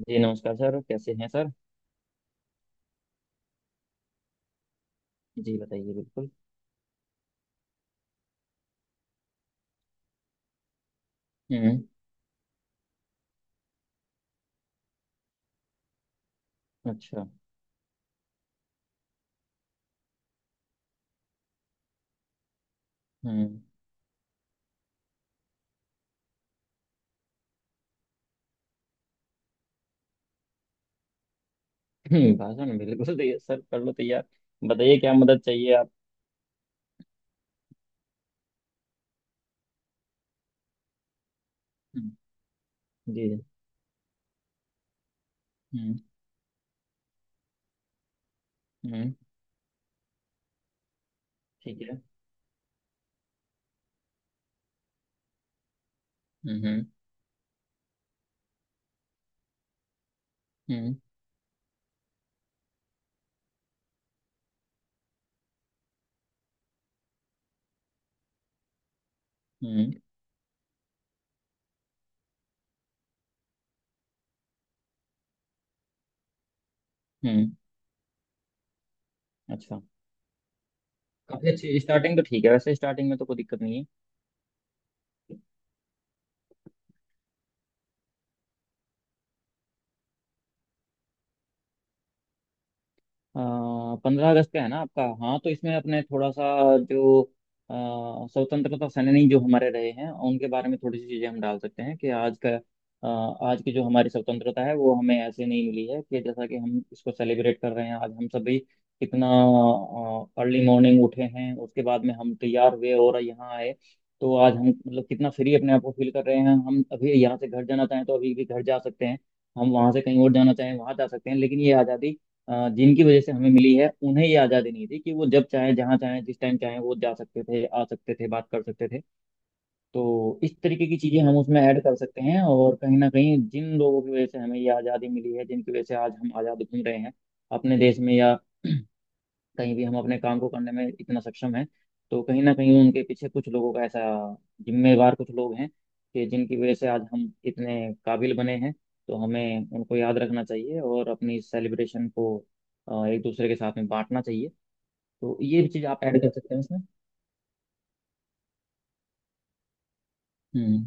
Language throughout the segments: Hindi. जी नमस्कार सर। कैसे हैं सर? जी बताइए बिल्कुल। हम्म। अच्छा। हम्म। भाषण बिल्कुल तैयार सर, कर लो तैयार। बताइए क्या मदद चाहिए आप। हम्म। जी जी। हम्म हम्म, ठीक है। हम्म। हम्म। हम्म। हम्म। हम्म। अच्छा। काफी अच्छी स्टार्टिंग तो ठीक है, वैसे स्टार्टिंग में तो कोई दिक्कत नहीं है। 15 अगस्त का है ना आपका? हाँ, तो इसमें अपने थोड़ा सा जो स्वतंत्रता सेनानी जो हमारे रहे हैं, उनके बारे में थोड़ी सी चीजें हम डाल सकते हैं, कि आज का आज की जो हमारी स्वतंत्रता है, वो हमें ऐसे नहीं मिली है। कि जैसा कि हम इसको सेलिब्रेट कर रहे हैं आज, हम सभी कितना अर्ली मॉर्निंग उठे हैं, उसके बाद में हम तैयार हुए और यहाँ आए। तो आज हम मतलब कितना फ्री अपने आप को फील कर रहे हैं, हम अभी यहाँ से घर जाना चाहें तो अभी भी घर जा सकते हैं, हम वहां से कहीं और जाना चाहें वहां जा सकते हैं। लेकिन ये आज़ादी जिनकी वजह से हमें मिली है, उन्हें ये आज़ादी नहीं थी कि वो जब चाहे जहाँ चाहे जिस टाइम चाहे वो जा सकते थे, आ सकते थे, बात कर सकते थे। तो इस तरीके की चीज़ें हम उसमें ऐड कर सकते हैं। और कहीं ना कहीं जिन लोगों की वजह से हमें ये आज़ादी मिली है, जिनकी वजह से आज हम आज़ाद घूम रहे हैं अपने देश में या कहीं भी, हम अपने काम को करने में इतना सक्षम है तो कहीं ना कहीं उनके पीछे कुछ लोगों का ऐसा, जिम्मेवार कुछ लोग हैं कि जिनकी वजह से आज हम इतने काबिल बने हैं। तो हमें उनको याद रखना चाहिए और अपनी सेलिब्रेशन को एक दूसरे के साथ में बांटना चाहिए। तो ये भी चीज़ आप ऐड कर सकते हैं उसमें। हम्म।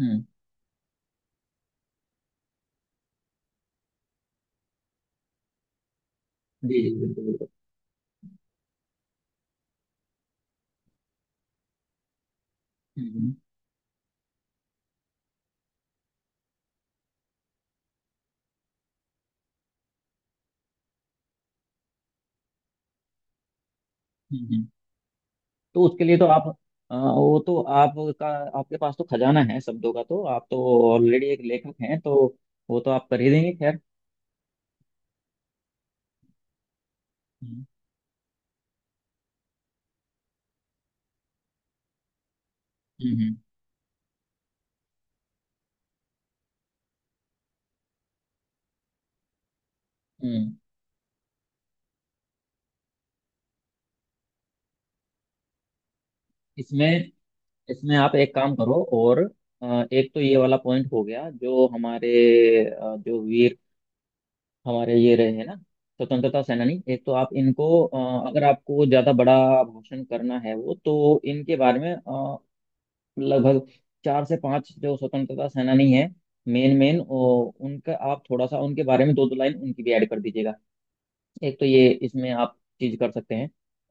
हम्म। जी जी, बिल्कुल बिल्कुल। हम्म। हम्म। हम्म। तो उसके लिए तो आप, वो तो आपका, आपके पास तो खजाना है शब्दों का, तो आप तो ऑलरेडी एक लेखक हैं, तो वो तो आप कर ही देंगे खैर। हम्म। हम्म। इसमें, इसमें आप एक काम करो। और एक तो ये वाला पॉइंट हो गया, जो हमारे जो वीर हमारे ये रहे हैं ना, स्वतंत्रता सेनानी, एक तो आप इनको, अगर आपको ज्यादा बड़ा घोषण करना है वो, तो इनके बारे में लगभग चार से पांच जो स्वतंत्रता सेनानी है मेन मेन उनका, आप थोड़ा सा उनके बारे में दो दो लाइन उनकी भी ऐड कर दीजिएगा। एक तो ये इसमें आप चीज कर सकते हैं।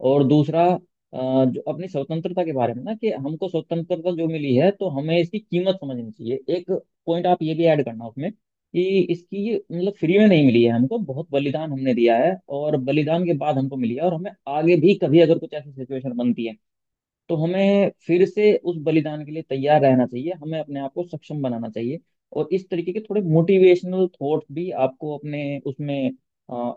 और दूसरा अ, जो अपनी स्वतंत्रता के बारे में ना, कि हमको स्वतंत्रता जो मिली है, तो हमें इसकी कीमत समझनी चाहिए, एक पॉइंट आप ये भी ऐड करना उसमें। कि इसकी मतलब फ्री में नहीं मिली है हमको, बहुत बलिदान हमने दिया है और बलिदान के बाद हमको मिली है। और हमें आगे भी कभी अगर कुछ ऐसी सिचुएशन बनती है, तो हमें फिर से उस बलिदान के लिए तैयार रहना चाहिए, हमें अपने आप को सक्षम बनाना चाहिए। और इस तरीके के थोड़े मोटिवेशनल थॉट्स भी आपको अपने उसमें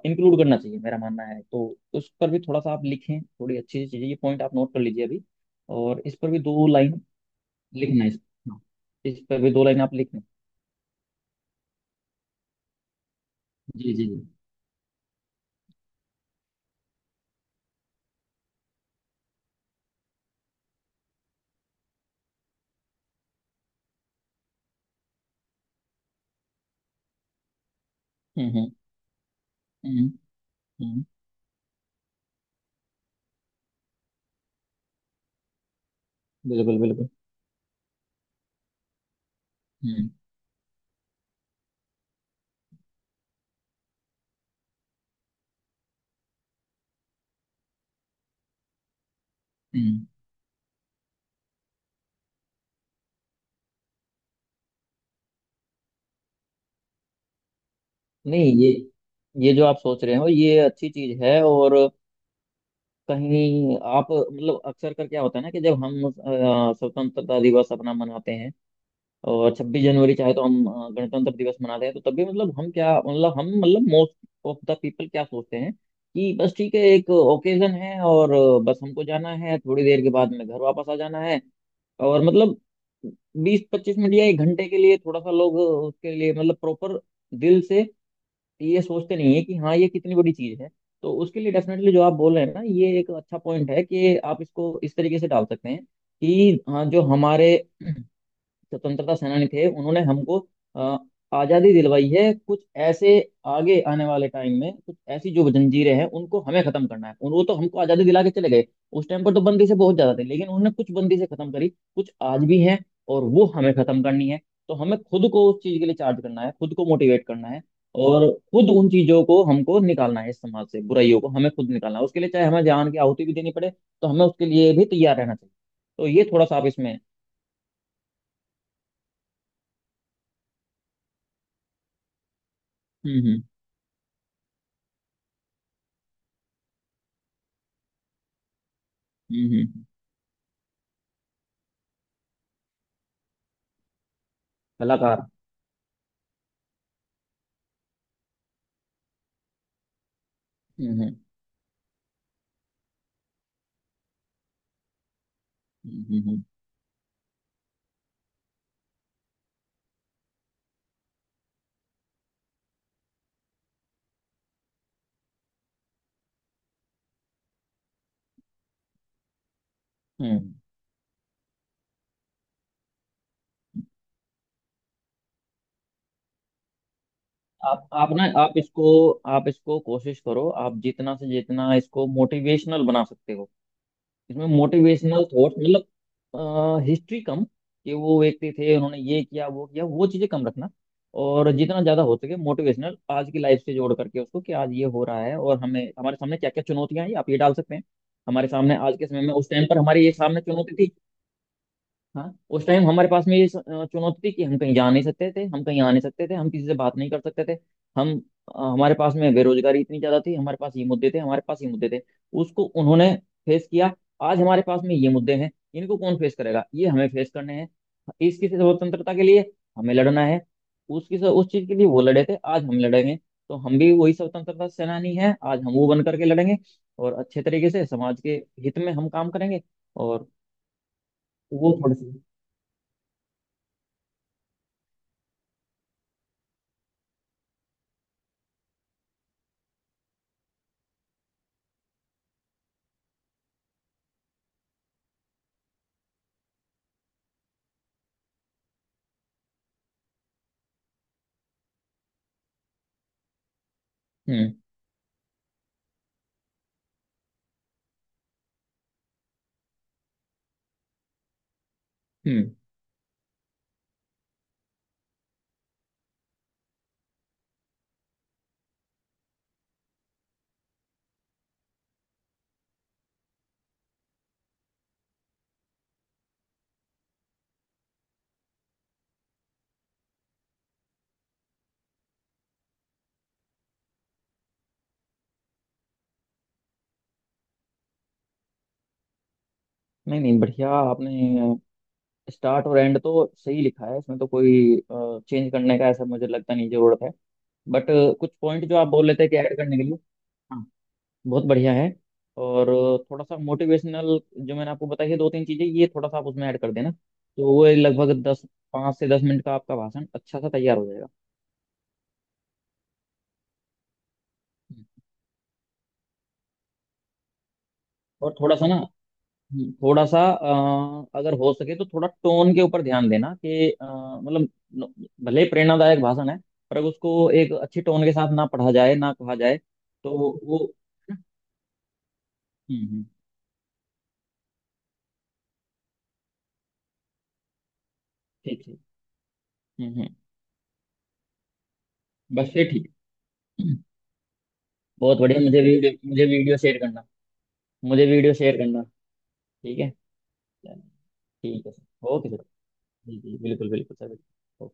इंक्लूड करना चाहिए, मेरा मानना है। तो उस पर भी थोड़ा सा आप लिखें, थोड़ी अच्छी चीजें, ये पॉइंट आप नोट कर लीजिए अभी। और इस पर भी दो लाइन लिखना है, इस, हाँ, इस पर भी दो लाइन आप लिखना। जी जी जी। हम्म। हम्म। हम्म हम्म, बिल्कुल बिल्कुल। हम्म। हम्म। नहीं, ये, ये जो आप सोच रहे हो ये अच्छी चीज है। और कहीं आप मतलब, अक्सर कर क्या होता है ना, कि जब हम स्वतंत्रता दिवस अपना मनाते हैं और 26 जनवरी चाहे तो हम गणतंत्र दिवस मनाते हैं, तो तब भी मतलब हम क्या मतलब हम मतलब मोस्ट ऑफ द पीपल क्या सोचते हैं, कि बस ठीक है, एक ओकेजन है और बस हमको जाना है, थोड़ी देर के बाद में घर वापस आ जाना है। और मतलब 20-25 मिनट या एक घंटे के लिए थोड़ा सा लोग उसके लिए मतलब प्रॉपर दिल से तो ये सोचते नहीं है कि हाँ ये कितनी बड़ी चीज है। तो उसके लिए डेफिनेटली जो आप बोल रहे हैं ना, ये एक अच्छा पॉइंट है कि आप इसको इस तरीके से डाल सकते हैं, कि हाँ, जो हमारे स्वतंत्रता सेनानी थे उन्होंने हमको अ, आजादी दिलवाई है, कुछ ऐसे आगे आने वाले टाइम में कुछ ऐसी जो जंजीरें हैं उनको हमें खत्म करना है उन, वो तो हमको आजादी दिला के चले गए, उस टाइम पर तो बंदी से बहुत ज्यादा थे, लेकिन उन्होंने कुछ बंदी से खत्म करी, कुछ आज भी हैं और वो हमें खत्म करनी है। तो हमें खुद को उस चीज के लिए चार्ज करना है, खुद को मोटिवेट करना है और खुद उन चीजों को हमको निकालना है, इस समाज से बुराइयों को हमें खुद निकालना है। उसके लिए चाहे हमें जान की आहुति भी देनी पड़े, तो हमें उसके लिए भी तैयार रहना चाहिए। तो ये थोड़ा सा आप इसमें। हम्म। हम्म। हम्म। हम्म। कलाकार। हम्म। हम्म। हम्म। हम्म। आप ना, आप इसको, आप इसको कोशिश करो, आप जितना से जितना इसको मोटिवेशनल बना सकते हो। इसमें मोटिवेशनल थॉट, मतलब हिस्ट्री कम, कि वो व्यक्ति थे उन्होंने ये किया वो किया, वो चीजें कम रखना। और जितना ज्यादा हो सके मोटिवेशनल आज की लाइफ से जोड़ करके उसको, कि आज ये हो रहा है और हमें हमारे सामने क्या क्या चुनौतियां हैं, आप ये डाल सकते हैं। हमारे सामने आज के समय में, उस टाइम पर हमारे ये सामने चुनौती थी। हाँ, उस टाइम हमारे पास में ये चुनौती थी कि हम कहीं जा नहीं सकते थे, हम कहीं आ नहीं सकते थे, हम किसी से बात नहीं कर सकते थे। हम हमारे पास में बेरोजगारी इतनी ज्यादा थी, हमारे पास ये मुद्दे थे, हमारे पास ये मुद्दे थे, उसको उन्होंने फेस किया। आज हमारे पास में ये मुद्दे हैं, इनको कौन फेस करेगा? ये हमें फेस करने हैं। इसकी स्वतंत्रता के लिए हमें लड़ना है, उसकी उस चीज के लिए वो लड़े थे, आज हम लड़ेंगे। तो हम भी वही स्वतंत्रता सेनानी हैं, आज हम वो बन करके लड़ेंगे और अच्छे तरीके से समाज के हित में हम काम करेंगे। और वो थोड़ी सी। हम्म। हम्म। नहीं नहीं, बढ़िया आपने, स्टार्ट और एंड तो सही लिखा है, इसमें तो कोई चेंज करने का ऐसा मुझे लगता नहीं जरूरत है। बट कुछ पॉइंट जो आप बोल रहे थे कि ऐड करने के लिए। हाँ, बहुत बढ़िया है। और थोड़ा सा मोटिवेशनल, जो मैंने आपको बताई है दो तीन चीजें, ये थोड़ा सा आप उसमें ऐड कर देना, तो वो लगभग दस, पाँच से 10 मिनट का आपका भाषण अच्छा सा तैयार हो जाएगा। और थोड़ा सा ना, थोड़ा सा अगर हो सके तो थोड़ा टोन के ऊपर ध्यान देना कि मतलब न- भले ही प्रेरणादायक भाषण है, पर अगर उसको एक अच्छी टोन के साथ ना पढ़ा जाए, ना कहा जाए, तो वो। हम्म हम्म, ठीक ठीक। हम्म। हम्म। बस ये ठीक है। बहुत बढ़िया, मुझे वीडियो, मुझे वीडियो शेयर करना। मुझे वीडियो शेयर करना। ठीक है। चलो, ठीक है सर, ओके सर। जी जी, बिल्कुल बिल्कुल सर।